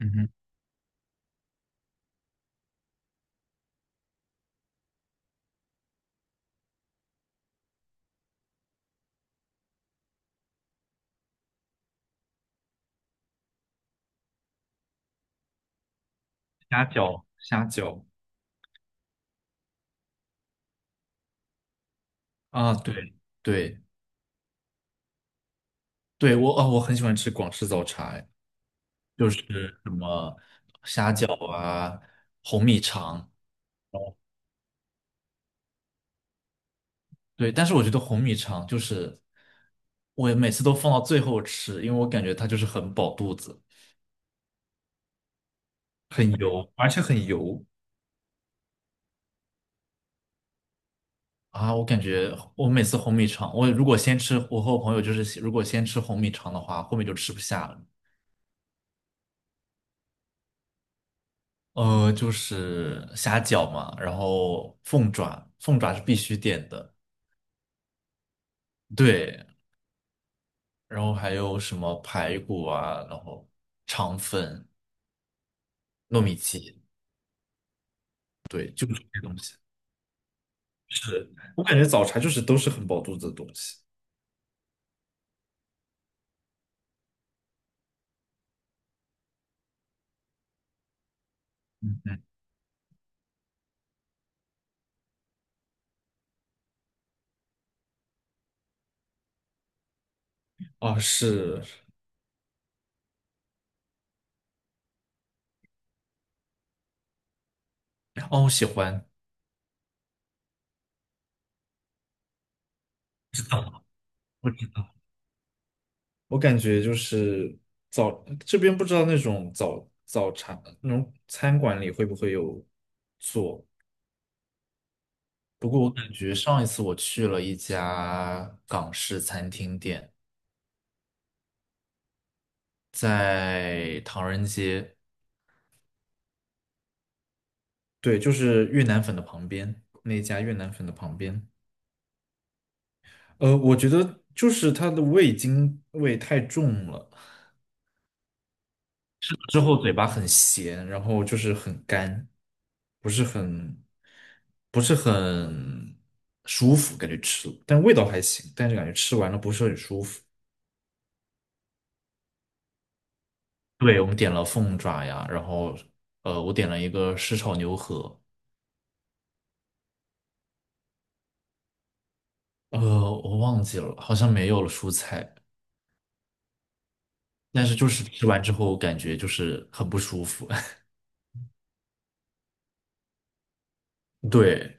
嗯哼，虾饺，虾饺啊。对对对。我很喜欢吃广式早茶。哎，就是什么虾饺啊，红米肠。对，但是我觉得红米肠就是我每次都放到最后吃，因为我感觉它就是很饱肚子，很油，而且很油。啊，我感觉我每次红米肠，我如果先吃，我和我朋友就是如果先吃红米肠的话，后面就吃不下了。就是虾饺嘛，然后凤爪，凤爪是必须点的。对，然后还有什么排骨啊，然后肠粉、糯米鸡。对，就是这些东西。是，我感觉早茶就是都是很饱肚子的东西。嗯嗯。啊是。哦，我喜欢。我知道。我感觉就是早这边不知道那种早早茶那种餐馆里会不会有做。不过我感觉上一次我去了一家港式餐厅店，在唐人街。对，就是越南粉的旁边，那一家越南粉的旁边。我觉得就是它的味精味太重了，之后嘴巴很咸，然后就是很干，不是很不是很舒服，感觉吃，但味道还行，但是感觉吃完了不是很舒服。对，我们点了凤爪呀，我点了一个湿炒牛河。呃，我忘记了，好像没有了蔬菜，但是就是吃完之后感觉就是很不舒服。对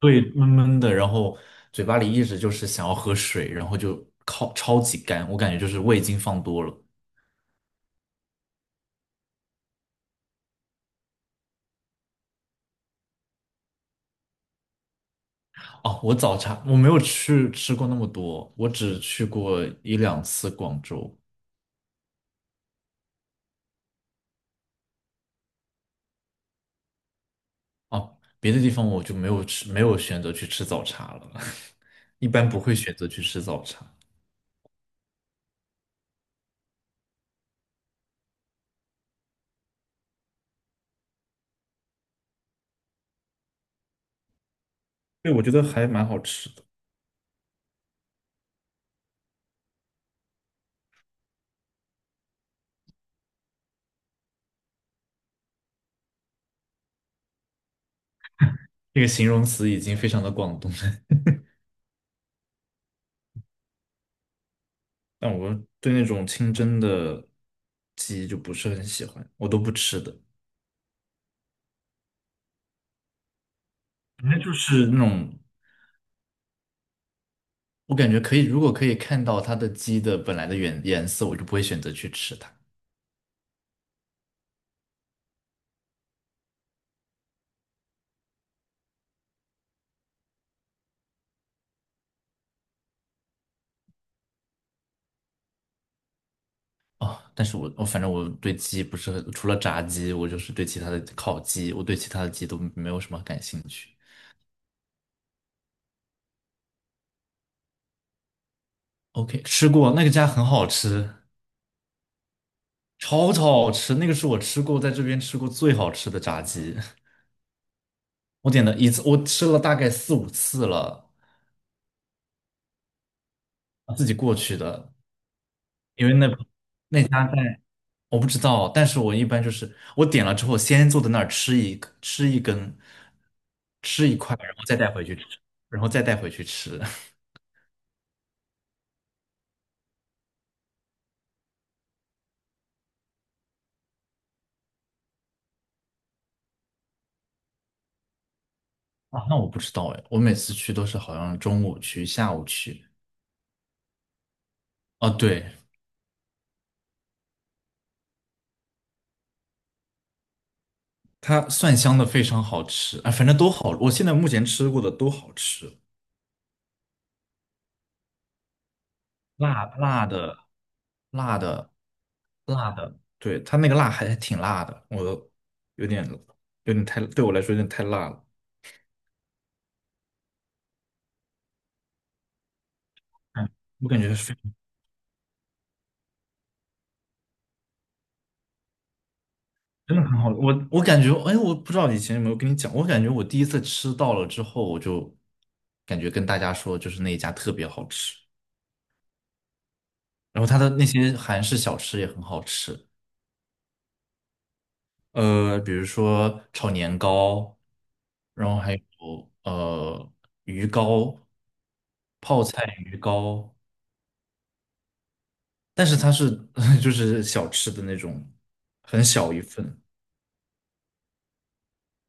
对，闷闷的，然后嘴巴里一直就是想要喝水，然后就靠超级干，我感觉就是味精放多了。哦，我早茶我没有去吃过那么多，我只去过1两次广州。哦，别的地方我就没有吃，没有选择去吃早茶了。一般不会选择去吃早茶。对，我觉得还蛮好吃的。那个形容词已经非常的广东了。但我对那种清蒸的鸡就不是很喜欢，我都不吃的。反正就是那种，我感觉可以，如果可以看到它的鸡的本来的原颜色，我就不会选择去吃它。哦，但是我反正我对鸡不是很，除了炸鸡，我就是对其他的烤鸡，我对其他的鸡都没有什么感兴趣。OK，吃过那个家很好吃，超超好吃。那个是我吃过在这边吃过最好吃的炸鸡。我点了一次，我吃了大概四五次了。自己过去的，因为那家在我不知道，但是我一般就是我点了之后先坐在那儿吃一个吃一根，吃一块，然后再带回去吃，然后再带回去吃。啊，那我不知道哎，我每次去都是好像中午去，下午去。哦，对。它蒜香的非常好吃，啊，反正都好，我现在目前吃过的都好吃。辣辣的，辣的。辣的，对，它那个辣还挺辣的，我有点有点太，对我来说有点太辣了。嗯，我感觉是真的很好，我感觉，哎，我不知道以前有没有跟你讲，我感觉我第一次吃到了之后，我就感觉跟大家说，就是那一家特别好吃，然后它的那些韩式小吃也很好吃。呃，比如说炒年糕，然后还有鱼糕、泡菜鱼糕。但是它是 就是小吃的那种，很小一份。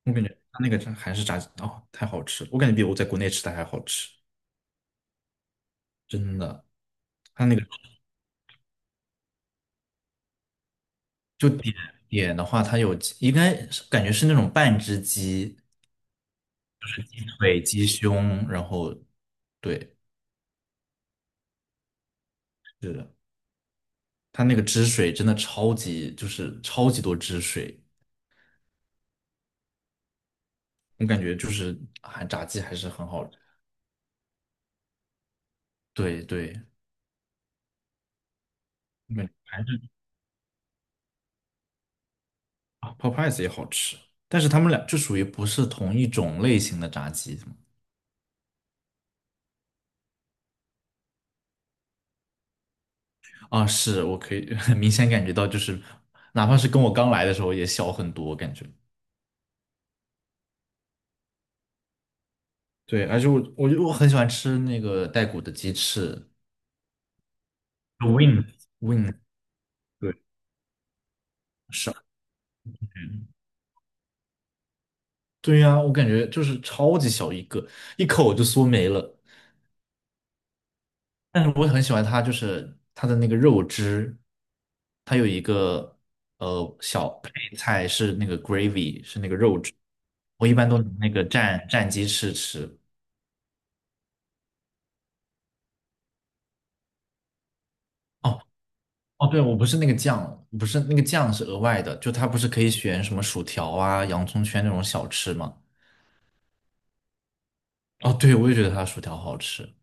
我感觉它那个炸韩式炸鸡哦，太好吃了，我感觉比我在国内吃的还好吃。真的。它那个就点点的话它有应该是感觉是那种半只鸡、鸡腿、鸡胸，然后对。是的。它那个汁水真的超级，就是超级多汁水，我感觉就是还炸鸡还是很好吃。对对。我感觉还是啊泡 o p 也好吃，但是他们俩就属于不是同一种类型的炸鸡。啊，是我可以 很明显感觉到，就是哪怕是跟我刚来的时候也小很多，我感觉对，而且我很喜欢吃那个带骨的鸡翅 wing。 对，是啊。嗯，对呀，我感觉就是超级小一个，一口就嗦没了。但是我很喜欢它，就是它的那个肉汁，它有一个小配菜是那个 gravy，是那个肉汁。我一般都拿那个蘸蘸鸡翅吃。哦哦对，我不是那个酱，不是那个酱是额外的，就它不是可以选什么薯条啊、洋葱圈那种小吃吗？哦，对，我也觉得它的薯条好吃。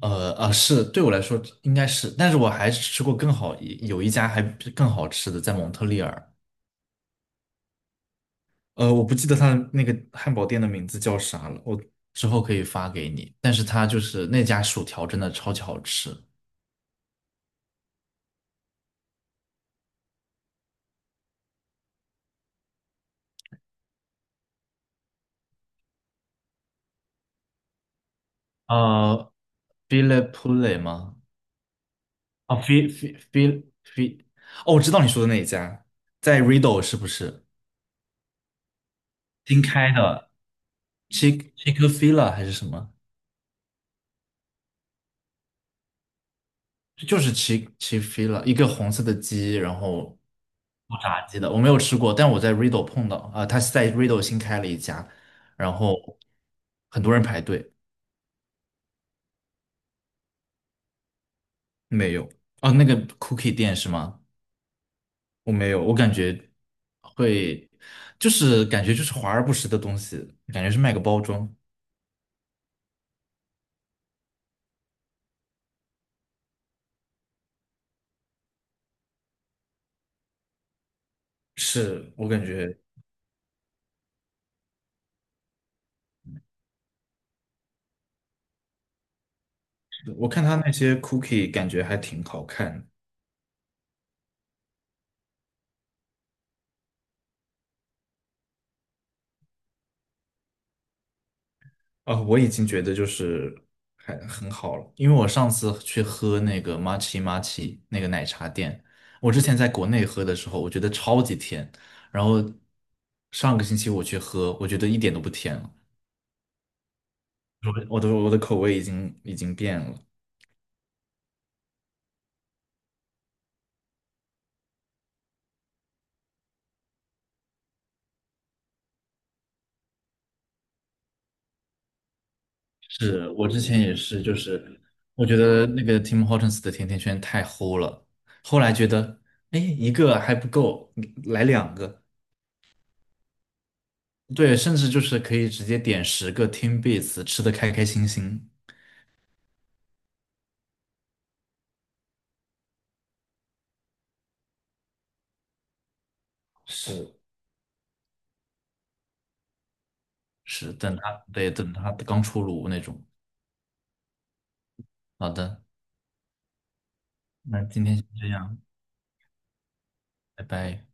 呃啊，是对我来说应该是，但是我还是吃过更好一有一家还更好吃的，在蒙特利尔。我不记得他的那个汉堡店的名字叫啥了，我之后可以发给你。但是他就是那家薯条真的超级好吃。呃，File p o e 吗？啊，File，哦，我知道你说的那一家，在 r i d d l e 是不是新开的？Chick Chick-fil-A 还是什么？就是 Chick Chick-fil-A，一个红色的鸡，然后做炸鸡的。我没有吃过，但我在 r i d d l e 碰到，啊、它是在 r i d d l e 新开了一家，然后很多人排队。没有啊，那个 cookie 店是吗？我没有，我感觉会，就是感觉就是华而不实的东西，感觉是卖个包装。是我感觉，我看他那些 cookie 感觉还挺好看。啊，哦我已经觉得就是还很好了，因为我上次去喝那个 m a c h m a c h 那个奶茶店，我之前在国内喝的时候，我觉得超级甜，然后上个星期我去喝，我觉得一点都不甜了，我的口味已经变了。是我之前也是，就是我觉得那个 Tim Hortons 的甜甜圈太齁了，后来觉得，哎，一个还不够，嗯来两个。对，甚至就是可以直接点10个 Tim Beats，吃的开开心心。是。是，等它，对，等它刚出炉那种。好的，那今天先这样，拜拜。